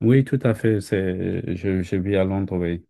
Oui, tout à fait. Je vis à Londres, oui.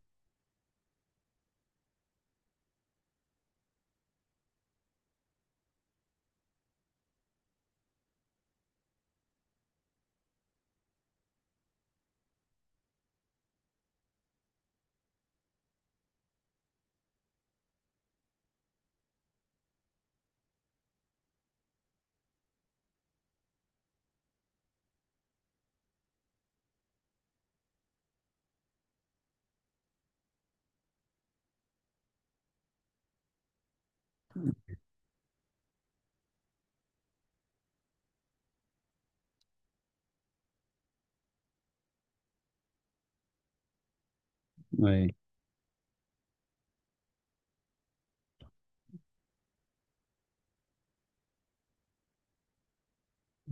Oui,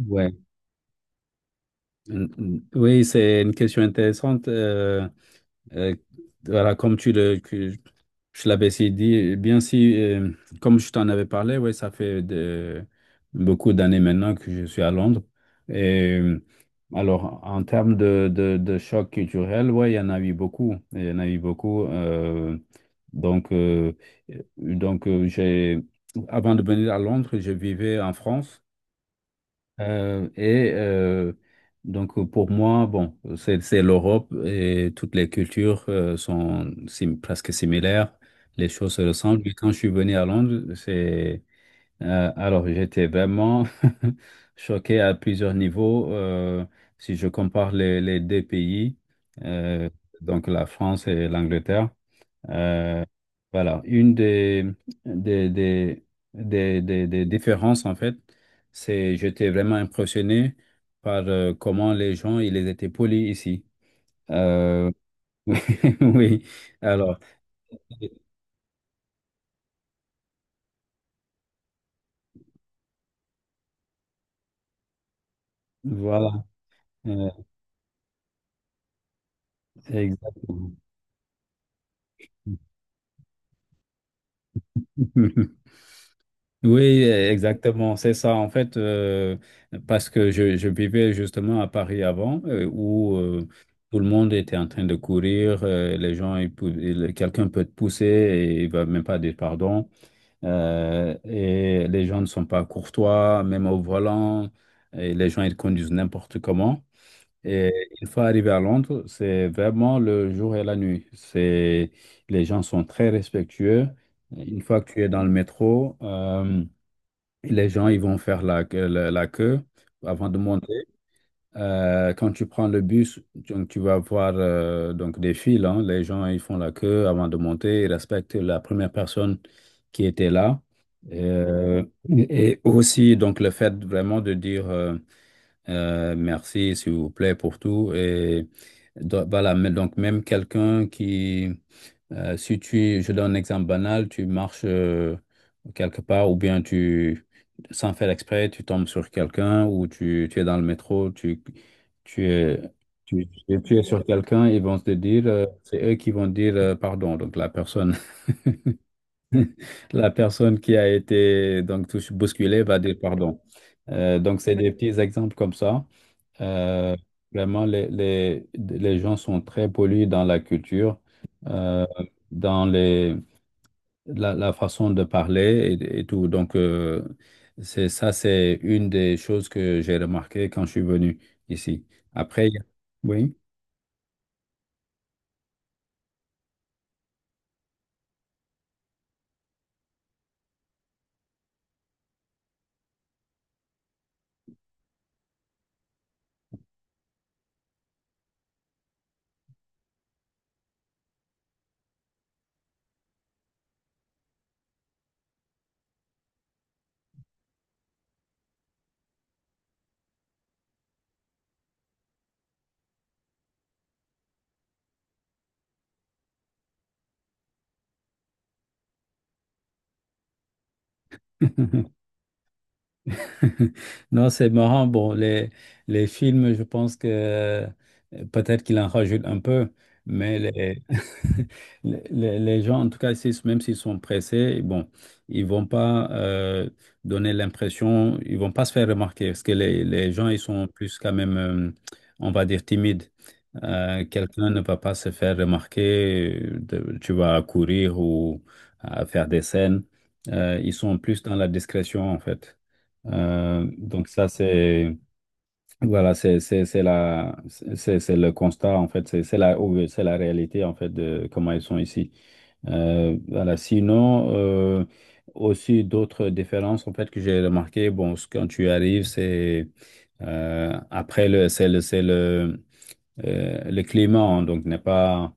ouais. Mm, mm. Oui, c'est une question intéressante. Euh, voilà, que je l'avais si dit, bien si, comme je t'en avais parlé, ouais, ça fait beaucoup d'années maintenant que je suis à Londres. Et alors, en termes de choc culturel, ouais, il y en a eu beaucoup. Il y en a eu beaucoup. Donc, euh, donc euh, j'ai, avant de venir à Londres, je vivais en France. Et donc pour moi, bon, c'est l'Europe et toutes les cultures sont presque similaires, les choses se ressemblent. Mais quand je suis venu à Londres, c'est alors j'étais vraiment choqué à plusieurs niveaux. Si je compare les deux pays, euh, donc la France et l'Angleterre. Euh, voilà, une des, des, des différences, en fait, c'est j'étais vraiment impressionné par comment les gens, ils étaient polis ici. Euh, oui, oui. Alors, voilà. Euh, Exactement. Oui, exactement, c'est ça. En fait, parce que je vivais justement à Paris avant, où tout le monde était en train de courir, les gens, quelqu'un peut te pousser et il va même pas dire pardon, et les gens ne sont pas courtois, même au volant, et les gens, ils conduisent n'importe comment. Et une fois arrivé à Londres, c'est vraiment le jour et la nuit. Les gens sont très respectueux. Une fois que tu es dans le métro, les gens, ils vont faire la queue avant de monter. Quand tu prends le bus, donc tu vas voir donc des files. Hein. Les gens, ils font la queue avant de monter. Ils respectent la première personne qui était là. Et aussi, donc, le fait vraiment de dire merci, s'il vous plaît, pour tout. Et voilà, mais donc, même quelqu'un qui si tu, je donne un exemple banal, tu marches quelque part ou bien sans faire exprès, tu tombes sur quelqu'un ou tu es dans le métro, tu es, tu es sur quelqu'un, ils vont te dire, c'est eux qui vont dire pardon. Donc la personne, la personne qui a été donc bousculée va dire pardon. Donc c'est des petits exemples comme ça. Euh, Vraiment, les gens sont très pollués dans la culture. Euh, dans la façon de parler et tout. Donc, c'est ça, c'est une des choses que j'ai remarqué quand je suis venu ici. Après, oui. Non, c'est marrant. Bon, les films, je pense que peut-être qu'il en rajoute un peu, mais les gens, en tout cas, même s'ils sont pressés, bon, ils vont pas donner l'impression, ils vont pas se faire remarquer, parce que les gens, ils sont plus quand même, on va dire, timides. Quelqu'un ne va pas se faire remarquer, tu vas courir ou à faire des scènes. Ils sont plus dans la discrétion, en fait. Donc ça, c'est voilà, c'est la c'est le constat en fait, c'est la réalité en fait de comment ils sont ici. Voilà. Sinon, aussi d'autres différences en fait que j'ai remarqué. Bon, quand tu arrives, c'est après le c'est le c'est le climat, hein, donc n'est pas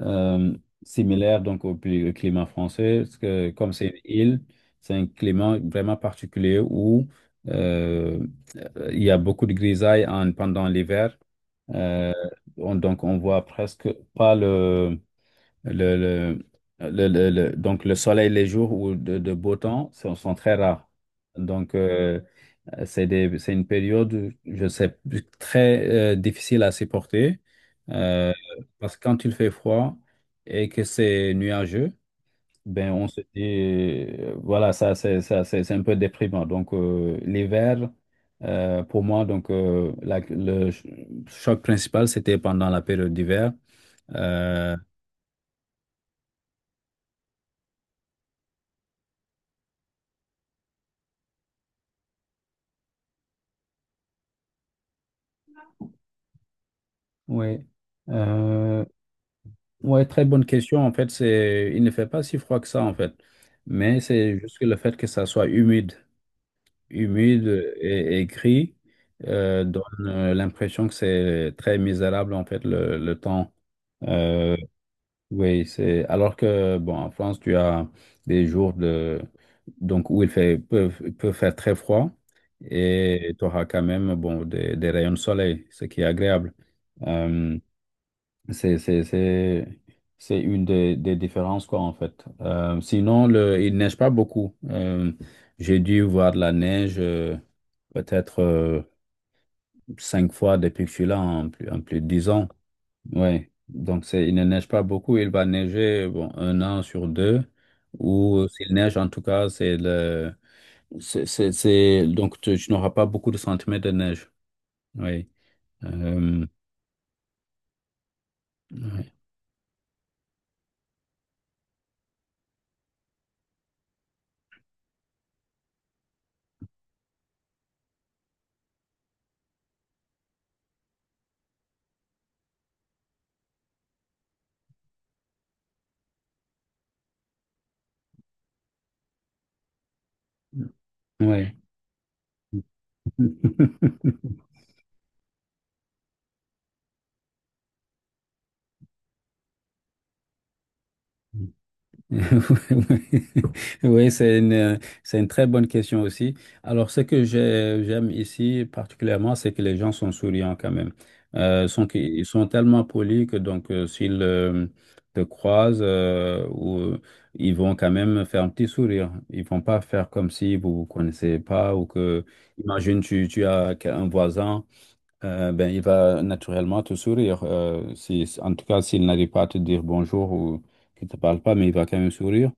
euh, similaire donc au climat français, parce que comme c'est une île, c'est un climat vraiment particulier où euh, il y a beaucoup de grisailles pendant l'hiver. Euh, donc on voit presque pas le, le, donc le soleil les jours où de beau temps sont très rares. Donc c'est une période, je sais, très difficile à supporter euh, parce que quand il fait froid et que c'est nuageux, ben on se dit, voilà, ça c'est un peu déprimant. Donc l'hiver, pour moi, donc choc principal, c'était pendant la période d'hiver. Euh, oui. Euh, ouais, très bonne question. En fait, il ne fait pas si froid que ça, en fait. Mais c'est juste que le fait que ça soit humide. Humide et gris donne l'impression que c'est très misérable en fait le temps. Euh, oui, c'est alors que bon en France tu as des jours de donc où il fait peut faire très froid et tu auras quand même bon des rayons de soleil, ce qui est agréable. Euh, c'est c'est c'est c'est une des différences quoi en fait. Sinon le il neige pas beaucoup. J'ai dû voir de la neige peut-être cinq fois depuis que je suis là, en plus en plus de 10 ans. Ouais. Donc il ne neige pas beaucoup, il va neiger bon, un an sur deux, ou s'il neige en tout cas, c'est le, c'est- donc tu n'auras pas beaucoup de centimètres de neige. Oui. Euh, ouais. Ouais. Oui, c'est une très bonne question aussi. Alors, ce que j'aime ici particulièrement, c'est que les gens sont souriants quand même. Ils sont tellement polis que donc, s'ils te croisent, ou, ils vont quand même faire un petit sourire. Ils vont pas faire comme si vous vous connaissez pas ou que, imagine, tu as un voisin. Ben, il va naturellement te sourire. Si, En tout cas, s'il n'arrive pas à te dire bonjour ou qu'il ne te parle pas, mais il va quand même sourire.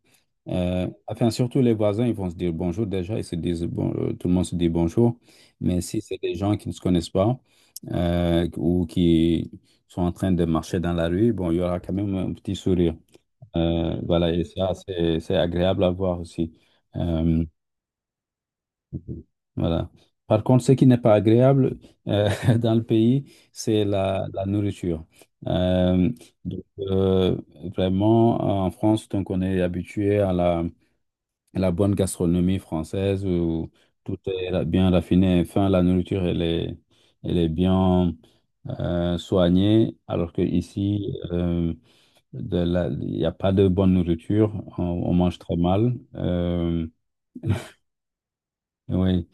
Enfin, surtout les voisins, ils vont se dire bonjour déjà. Ils se disent bon, tout le monde se dit bonjour. Mais si c'est des gens qui ne se connaissent pas ou qui sont en train de marcher dans la rue, bon, il y aura quand même un petit sourire. Voilà, et ça, c'est agréable à voir aussi. Euh, voilà. Par contre, ce qui n'est pas agréable euh, dans le pays, c'est la nourriture. Euh, donc, vraiment, en France, donc on est habitué à la bonne gastronomie française où tout est bien raffiné. Enfin, la nourriture, elle est bien soignée, alors qu'ici, il n'y a pas de bonne nourriture. On mange très mal. Oui.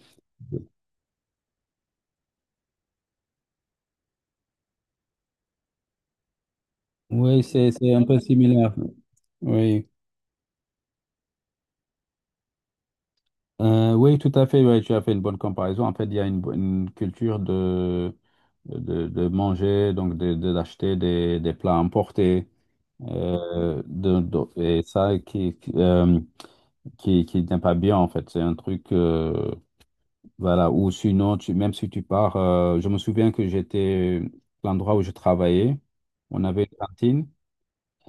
Oui, c'est un peu similaire. Oui. Oui, tout à fait. Oui, tu as fait une bonne comparaison. En fait, il y a une culture de manger, donc d'acheter des plats importés. Et ça qui n'est pas bien, en fait. C'est un truc, voilà, ou sinon, même si tu pars, je me souviens que l'endroit où je travaillais, on avait une cantine.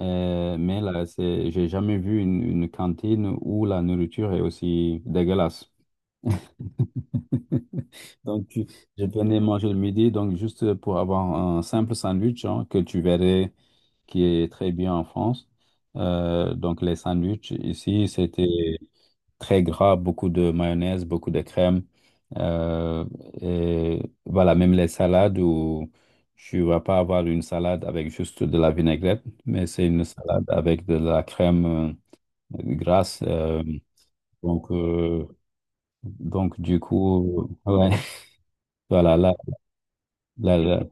Mais là, j'ai jamais vu une cantine où la nourriture est aussi dégueulasse. Donc, je venais manger le midi, donc juste pour avoir un simple sandwich, hein, que tu verrais qui est très bien en France. Donc, les sandwichs ici, c'était très gras, beaucoup de mayonnaise, beaucoup de crème. Euh, et voilà, même les salades où tu vas pas avoir une salade avec juste de la vinaigrette, mais c'est une salade avec de la crème grasse. Donc, donc, du coup, ouais, voilà, là, là, là.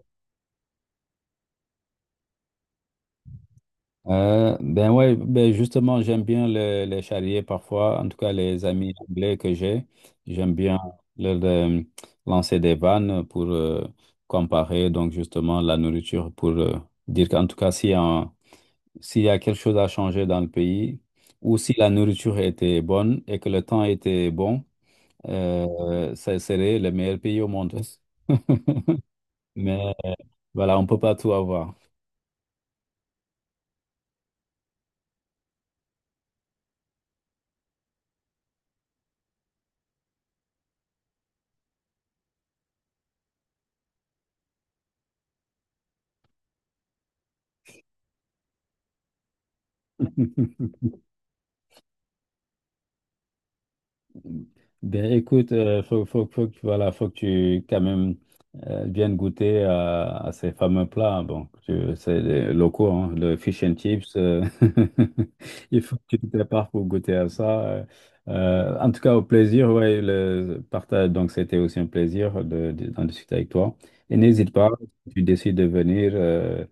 Ben ouais, ben justement, j'aime bien les charriers parfois, en tout cas les amis anglais que j'ai. J'aime bien leur lancer des vannes pour comparer donc justement la nourriture pour dire qu'en tout cas, si un- s'il y a quelque chose à changer dans le pays ou si la nourriture était bonne et que le temps était bon, ça serait le meilleur pays au monde. Mais voilà, on peut pas tout avoir. Ben écoute, voilà, faut que tu quand même viennes goûter à ces fameux plats. Hein. Bon, c'est les locaux, hein, le fish and chips. Il faut que tu te prépares pour goûter à ça. En tout cas, au plaisir, ouais, le partage. Donc, c'était aussi un plaisir d'en discuter avec toi. Et n'hésite pas, si tu décides de venir, euh,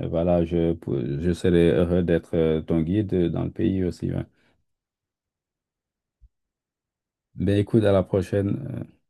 euh, voilà, je serai heureux d'être ton guide dans le pays aussi. Ouais. Ben écoute, à la prochaine.